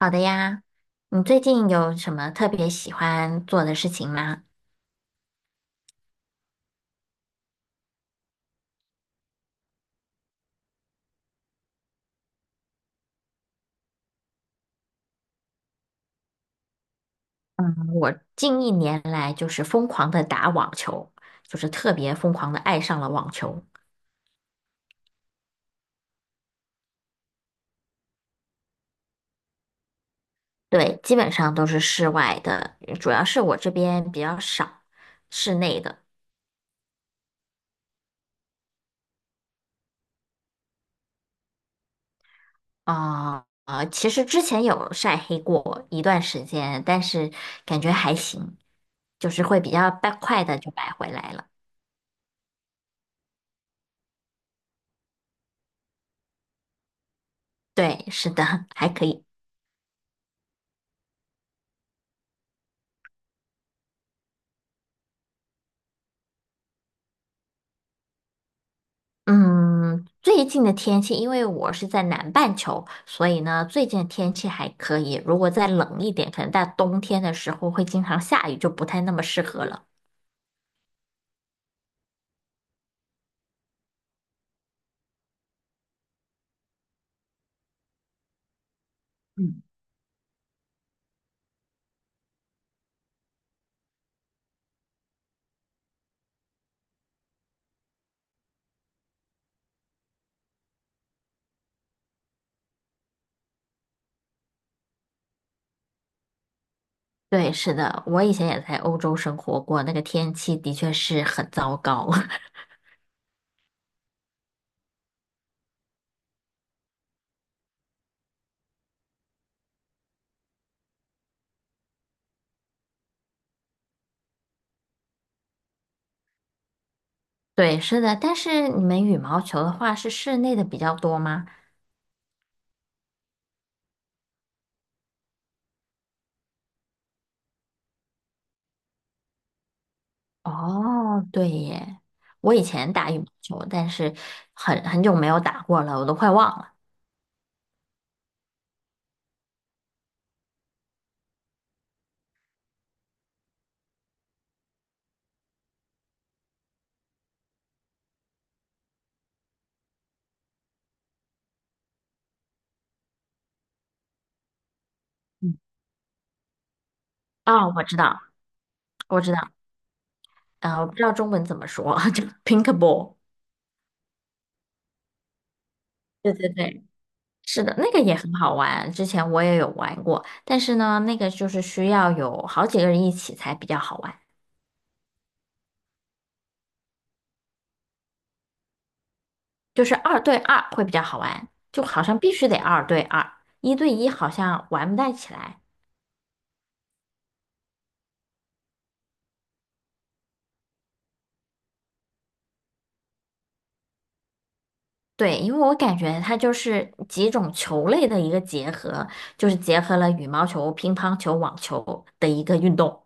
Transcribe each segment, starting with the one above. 好的呀，你最近有什么特别喜欢做的事情吗？嗯，我近1年来就是疯狂的打网球，就是特别疯狂的爱上了网球。对，基本上都是室外的，主要是我这边比较少室内的。啊、其实之前有晒黑过一段时间，但是感觉还行，就是会比较快快的就白回来了。对，是的，还可以。嗯，最近的天气，因为我是在南半球，所以呢，最近的天气还可以。如果再冷一点，可能在冬天的时候会经常下雨，就不太那么适合了。嗯，对，是的，我以前也在欧洲生活过，那个天气的确是很糟糕。对，是的，但是你们羽毛球的话是室内的比较多吗？哦，对耶，我以前打羽毛球，但是很久没有打过了，我都快忘了。嗯，哦，我知道，我知道。啊，我不知道中文怎么说，就 pinkball 对对对，是的，那个也很好玩，之前我也有玩过，但是呢，那个就是需要有好几个人一起才比较好玩，就是二对二会比较好玩，就好像必须得二对二，一对一好像玩不太起来。对，因为我感觉它就是几种球类的一个结合，就是结合了羽毛球、乒乓球、网球的一个运动。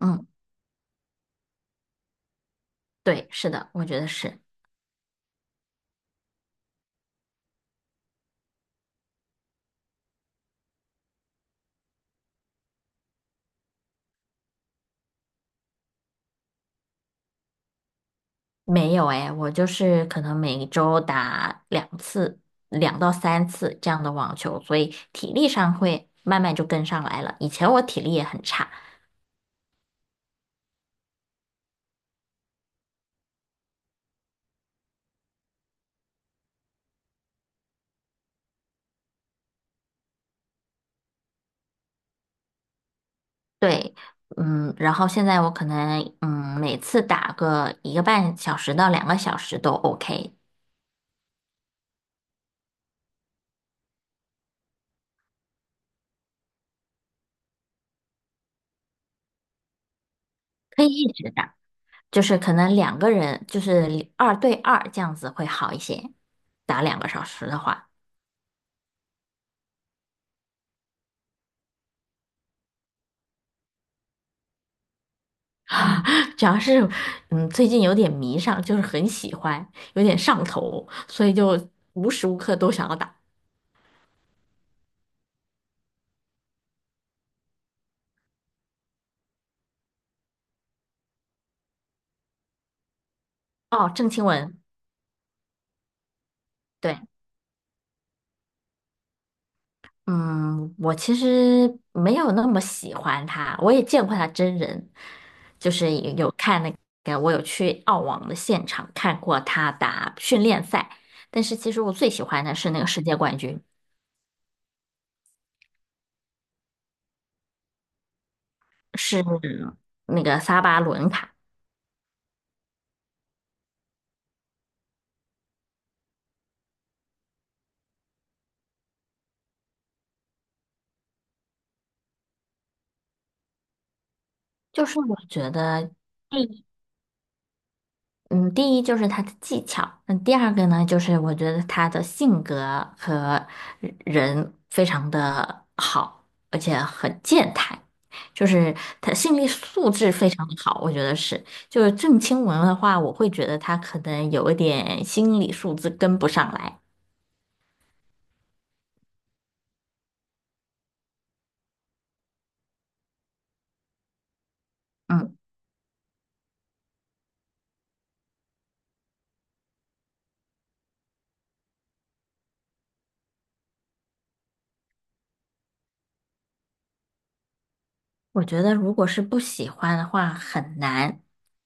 嗯，对，是的，我觉得是。没有哎，我就是可能每周打2次、2到3次这样的网球，所以体力上会慢慢就跟上来了。以前我体力也很差，对，嗯，然后现在我可能嗯每次打个1个半小时到2个小时都 OK，可以一直打，就是可能两个人就是二对二这样子会好一些，打两个小时的话。主要是，嗯，最近有点迷上，就是很喜欢，有点上头，所以就无时无刻都想要打。哦，郑钦文，对，嗯，我其实没有那么喜欢他，我也见过他真人，就是也有看那个，我有去澳网的现场看过他打训练赛，但是其实我最喜欢的是那个世界冠军，是那个萨巴伦卡，就是我觉得。嗯，第一就是他的技巧，那第二个呢，就是我觉得他的性格和人非常的好，而且很健谈，就是他心理素质非常的好，我觉得是。就是郑钦文的话，我会觉得他可能有一点心理素质跟不上来。嗯。我觉得，如果是不喜欢的话，很难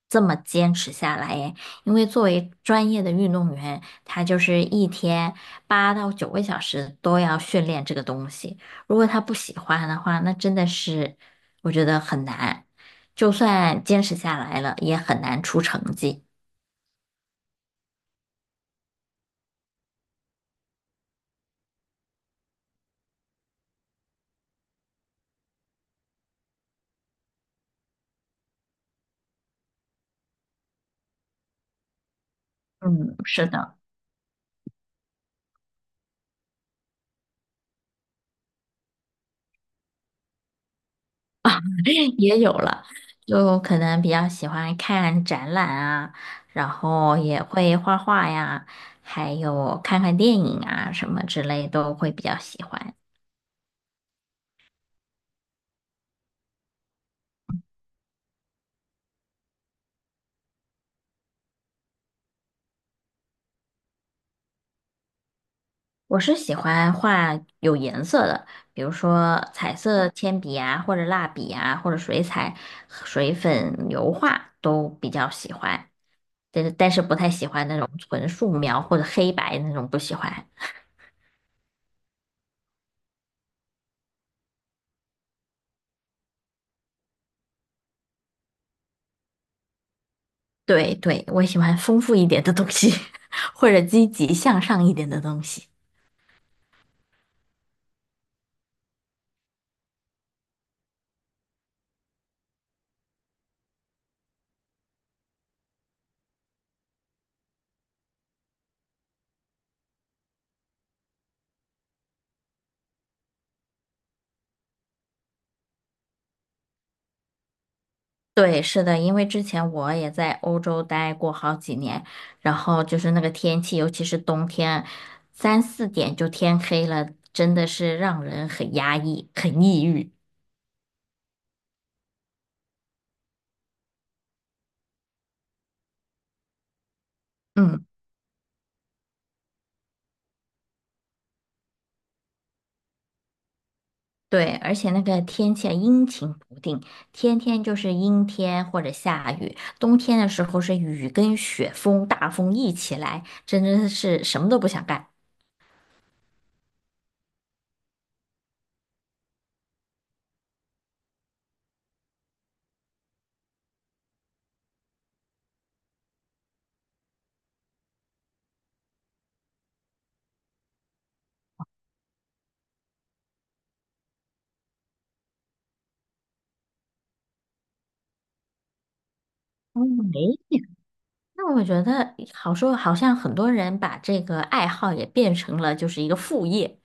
这么坚持下来耶。因为作为专业的运动员，他就是一天8到9个小时都要训练这个东西。如果他不喜欢的话，那真的是我觉得很难。就算坚持下来了，也很难出成绩。嗯，是的。也有了，就可能比较喜欢看展览啊，然后也会画画呀，还有看看电影啊什么之类都会比较喜欢。我是喜欢画有颜色的，比如说彩色铅笔啊，或者蜡笔啊，或者水彩、水粉、油画都比较喜欢，但是不太喜欢那种纯素描或者黑白那种不喜欢。对对，我喜欢丰富一点的东西，或者积极向上一点的东西。对，是的，因为之前我也在欧洲待过好几年，然后就是那个天气，尤其是冬天，3、4点就天黑了，真的是让人很压抑，很抑郁。嗯，对，而且那个天气啊阴晴不定，天天就是阴天或者下雨，冬天的时候是雨跟雪风、大风一起来，真的是什么都不想干。嗯，哎。那我觉得好说，好像很多人把这个爱好也变成了就是一个副业。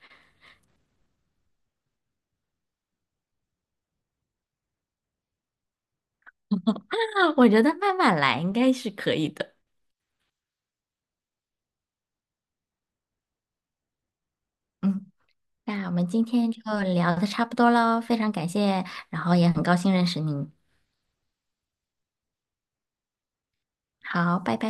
我觉得慢慢来应该是可以的。嗯，那我们今天就聊的差不多喽，非常感谢，然后也很高兴认识你。好，拜拜。